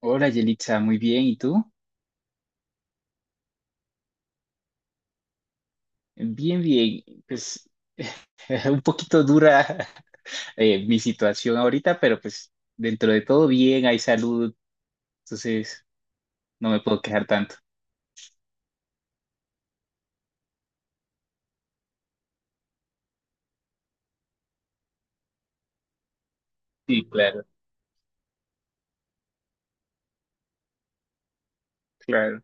Hola Yelitza, muy bien. ¿Y tú? Bien, bien. Pues un poquito dura mi situación ahorita, pero pues dentro de todo bien, hay salud, entonces no me puedo quejar tanto. Sí, claro, claro.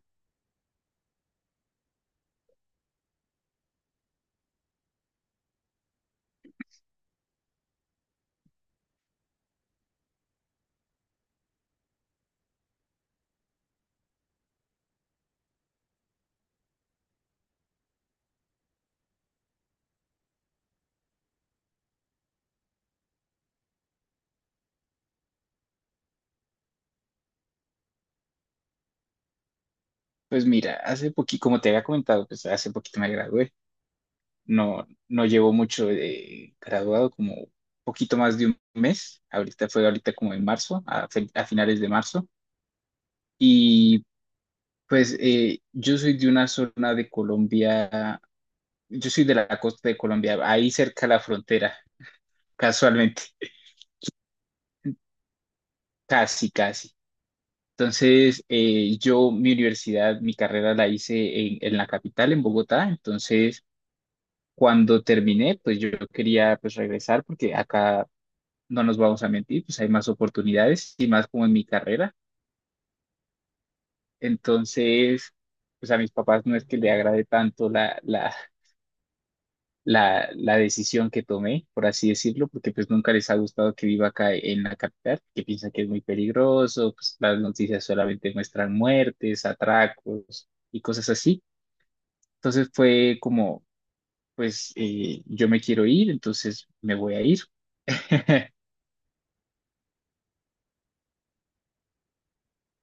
Pues mira, hace poquito, como te había comentado, pues hace poquito me gradué. No, no llevo mucho de graduado, como poquito más de un mes. Ahorita fue ahorita como en marzo, a finales de marzo. Y pues yo soy de una zona de Colombia. Yo soy de la costa de Colombia, ahí cerca de la frontera, casualmente, casi, casi. Entonces, yo mi universidad, mi carrera la hice en la capital, en Bogotá. Entonces, cuando terminé, pues yo quería pues regresar porque acá no nos vamos a mentir, pues hay más oportunidades y más como en mi carrera. Entonces, pues a mis papás no es que le agrade tanto la decisión que tomé, por así decirlo, porque pues nunca les ha gustado que viva acá en la capital, que piensan que es muy peligroso, pues las noticias solamente muestran muertes, atracos y cosas así. Entonces fue como, pues yo me quiero ir, entonces me voy a ir.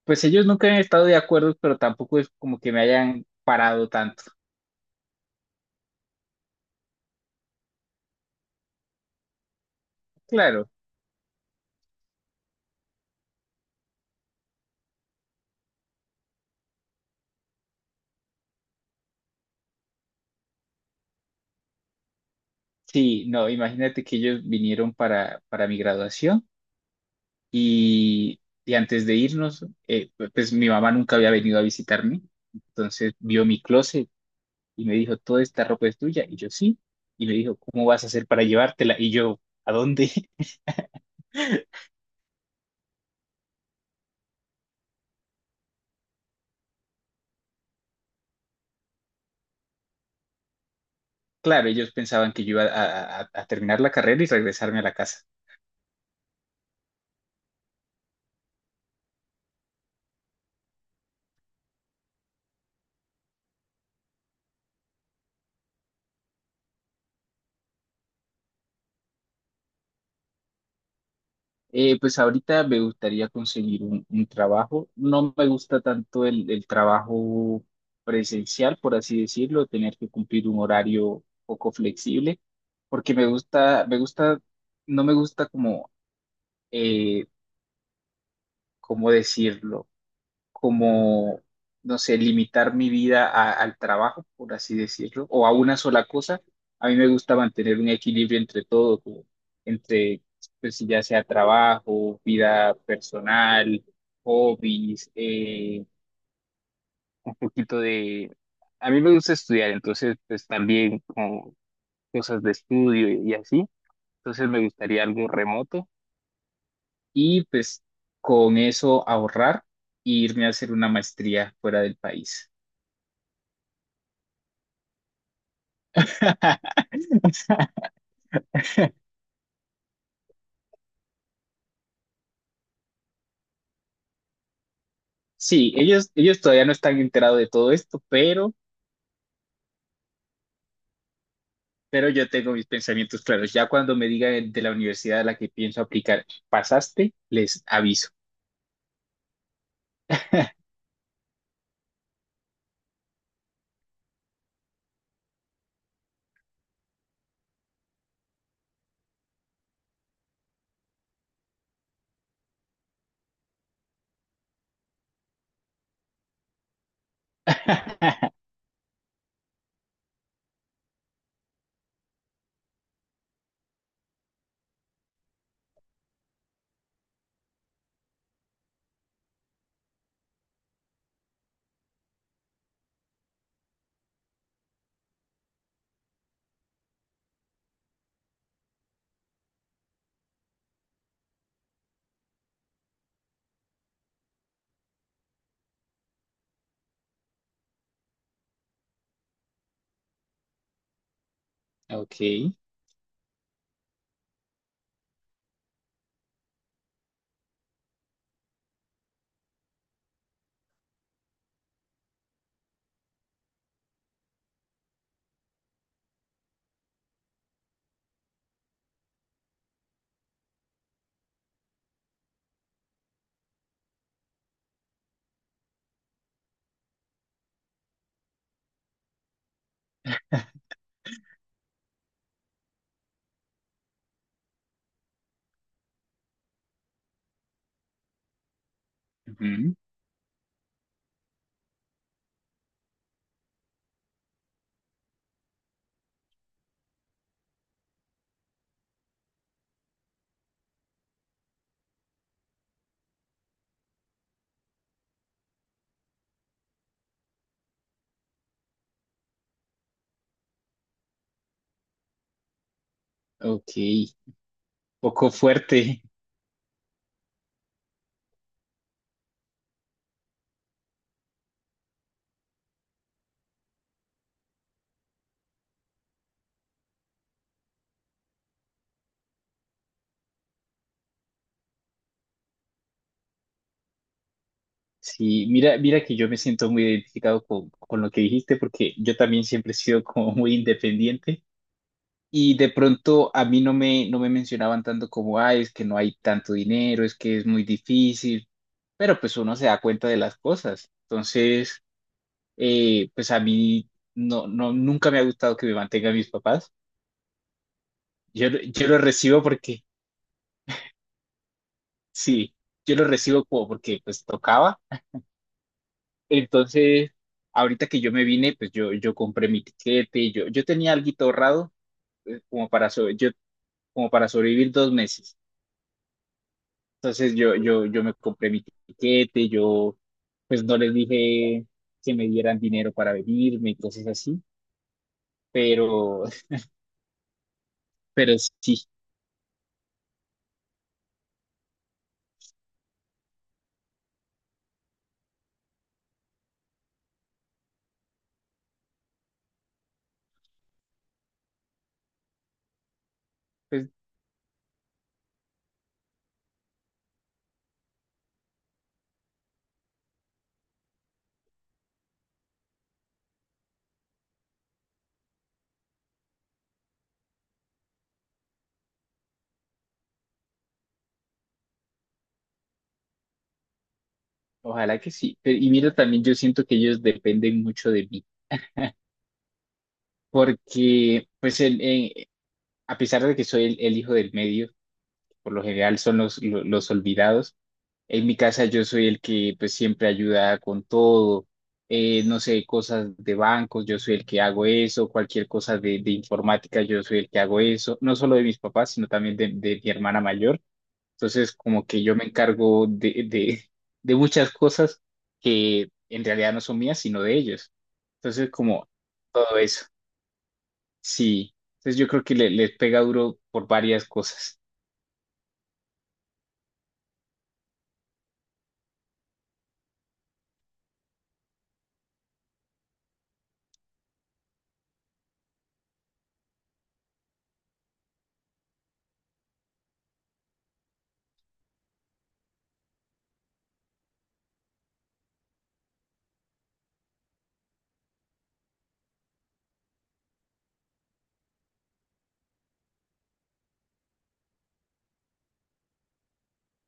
Pues ellos nunca han estado de acuerdo, pero tampoco es como que me hayan parado tanto. Claro, sí, no, imagínate que ellos vinieron para mi graduación. Y, y antes de irnos, pues mi mamá nunca había venido a visitarme, entonces vio mi closet y me dijo, toda esta ropa es tuya, y yo sí, y me dijo, ¿cómo vas a hacer para llevártela? Y yo, ¿a dónde? Claro, ellos pensaban que yo iba a terminar la carrera y regresarme a la casa. Pues ahorita me gustaría conseguir un trabajo. No me gusta tanto el trabajo presencial, por así decirlo, tener que cumplir un horario poco flexible, porque me gusta, no me gusta como, eh, ¿cómo decirlo? Como, no sé, limitar mi vida al trabajo, por así decirlo, o a una sola cosa. A mí me gusta mantener un equilibrio entre todo, como entre, pues si ya sea trabajo, vida personal, hobbies, un poquito de... A mí me gusta estudiar, entonces, pues también como cosas de estudio y así. Entonces me gustaría algo remoto y pues con eso ahorrar e irme a hacer una maestría fuera del país. Sí, ellos todavía no están enterados de todo esto, pero yo tengo mis pensamientos claros. Ya cuando me digan de la universidad a la que pienso aplicar, pasaste, les aviso. Ok, ujú, ok, poco fuerte. Sí, mira, mira que yo me siento muy identificado con lo que dijiste porque yo también siempre he sido como muy independiente. Y de pronto a mí no me mencionaban tanto como, ay, es que no hay tanto dinero, es que es muy difícil, pero pues uno se da cuenta de las cosas. Entonces, pues a mí no, no, nunca me ha gustado que me mantengan mis papás. Yo, yo lo recibo porque, sí, yo lo recibo como porque pues tocaba. Entonces, ahorita que yo me vine, pues yo compré mi tiquete, yo tenía algo ahorrado, como para, como para sobrevivir dos meses. Entonces yo me compré mi tiquete, yo pues no les dije que me dieran dinero para venirme y cosas así, pero, pero sí, pues ojalá que sí. Y mira, también yo siento que ellos dependen mucho de mí, porque pues a pesar de que soy el hijo del medio, por lo general son los olvidados. En mi casa yo soy el que pues siempre ayuda con todo, no sé, cosas de bancos, yo soy el que hago eso, cualquier cosa de informática, yo soy el que hago eso, no solo de mis papás, sino también de mi hermana mayor. Entonces, como que yo me encargo de muchas cosas que en realidad no son mías, sino de ellos. Entonces, como todo eso, sí. Entonces, yo creo que les pega duro por varias cosas,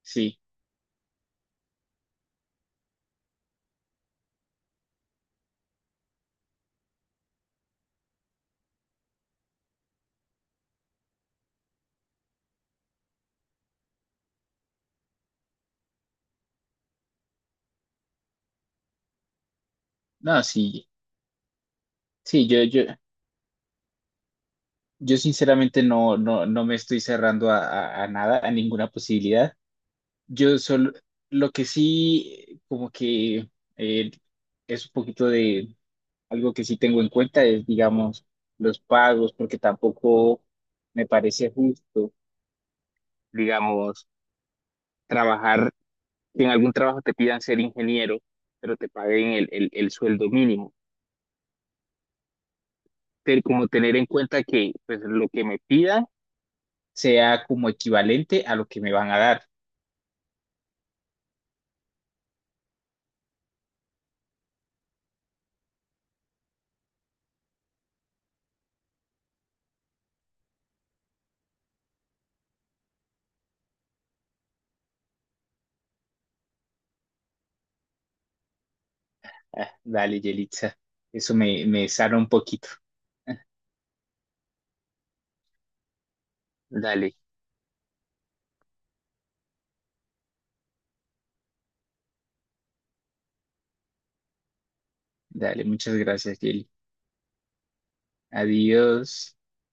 sí. No, sí, sí, yo. Yo sinceramente no, no, no me estoy cerrando a, a nada, a ninguna posibilidad. Yo solo, lo que sí, como que eh, es un poquito de algo que sí tengo en cuenta es, digamos, los pagos, porque tampoco me parece justo, digamos, trabajar, que en algún trabajo te pidan ser ingeniero, pero te paguen el sueldo mínimo. Te- Como tener en cuenta que pues, lo que me pidan sea como equivalente a lo que me van a dar. Ah, dale, Yelitza. Eso me sana un poquito. Dale, dale. Muchas gracias, Yeli. Adiós.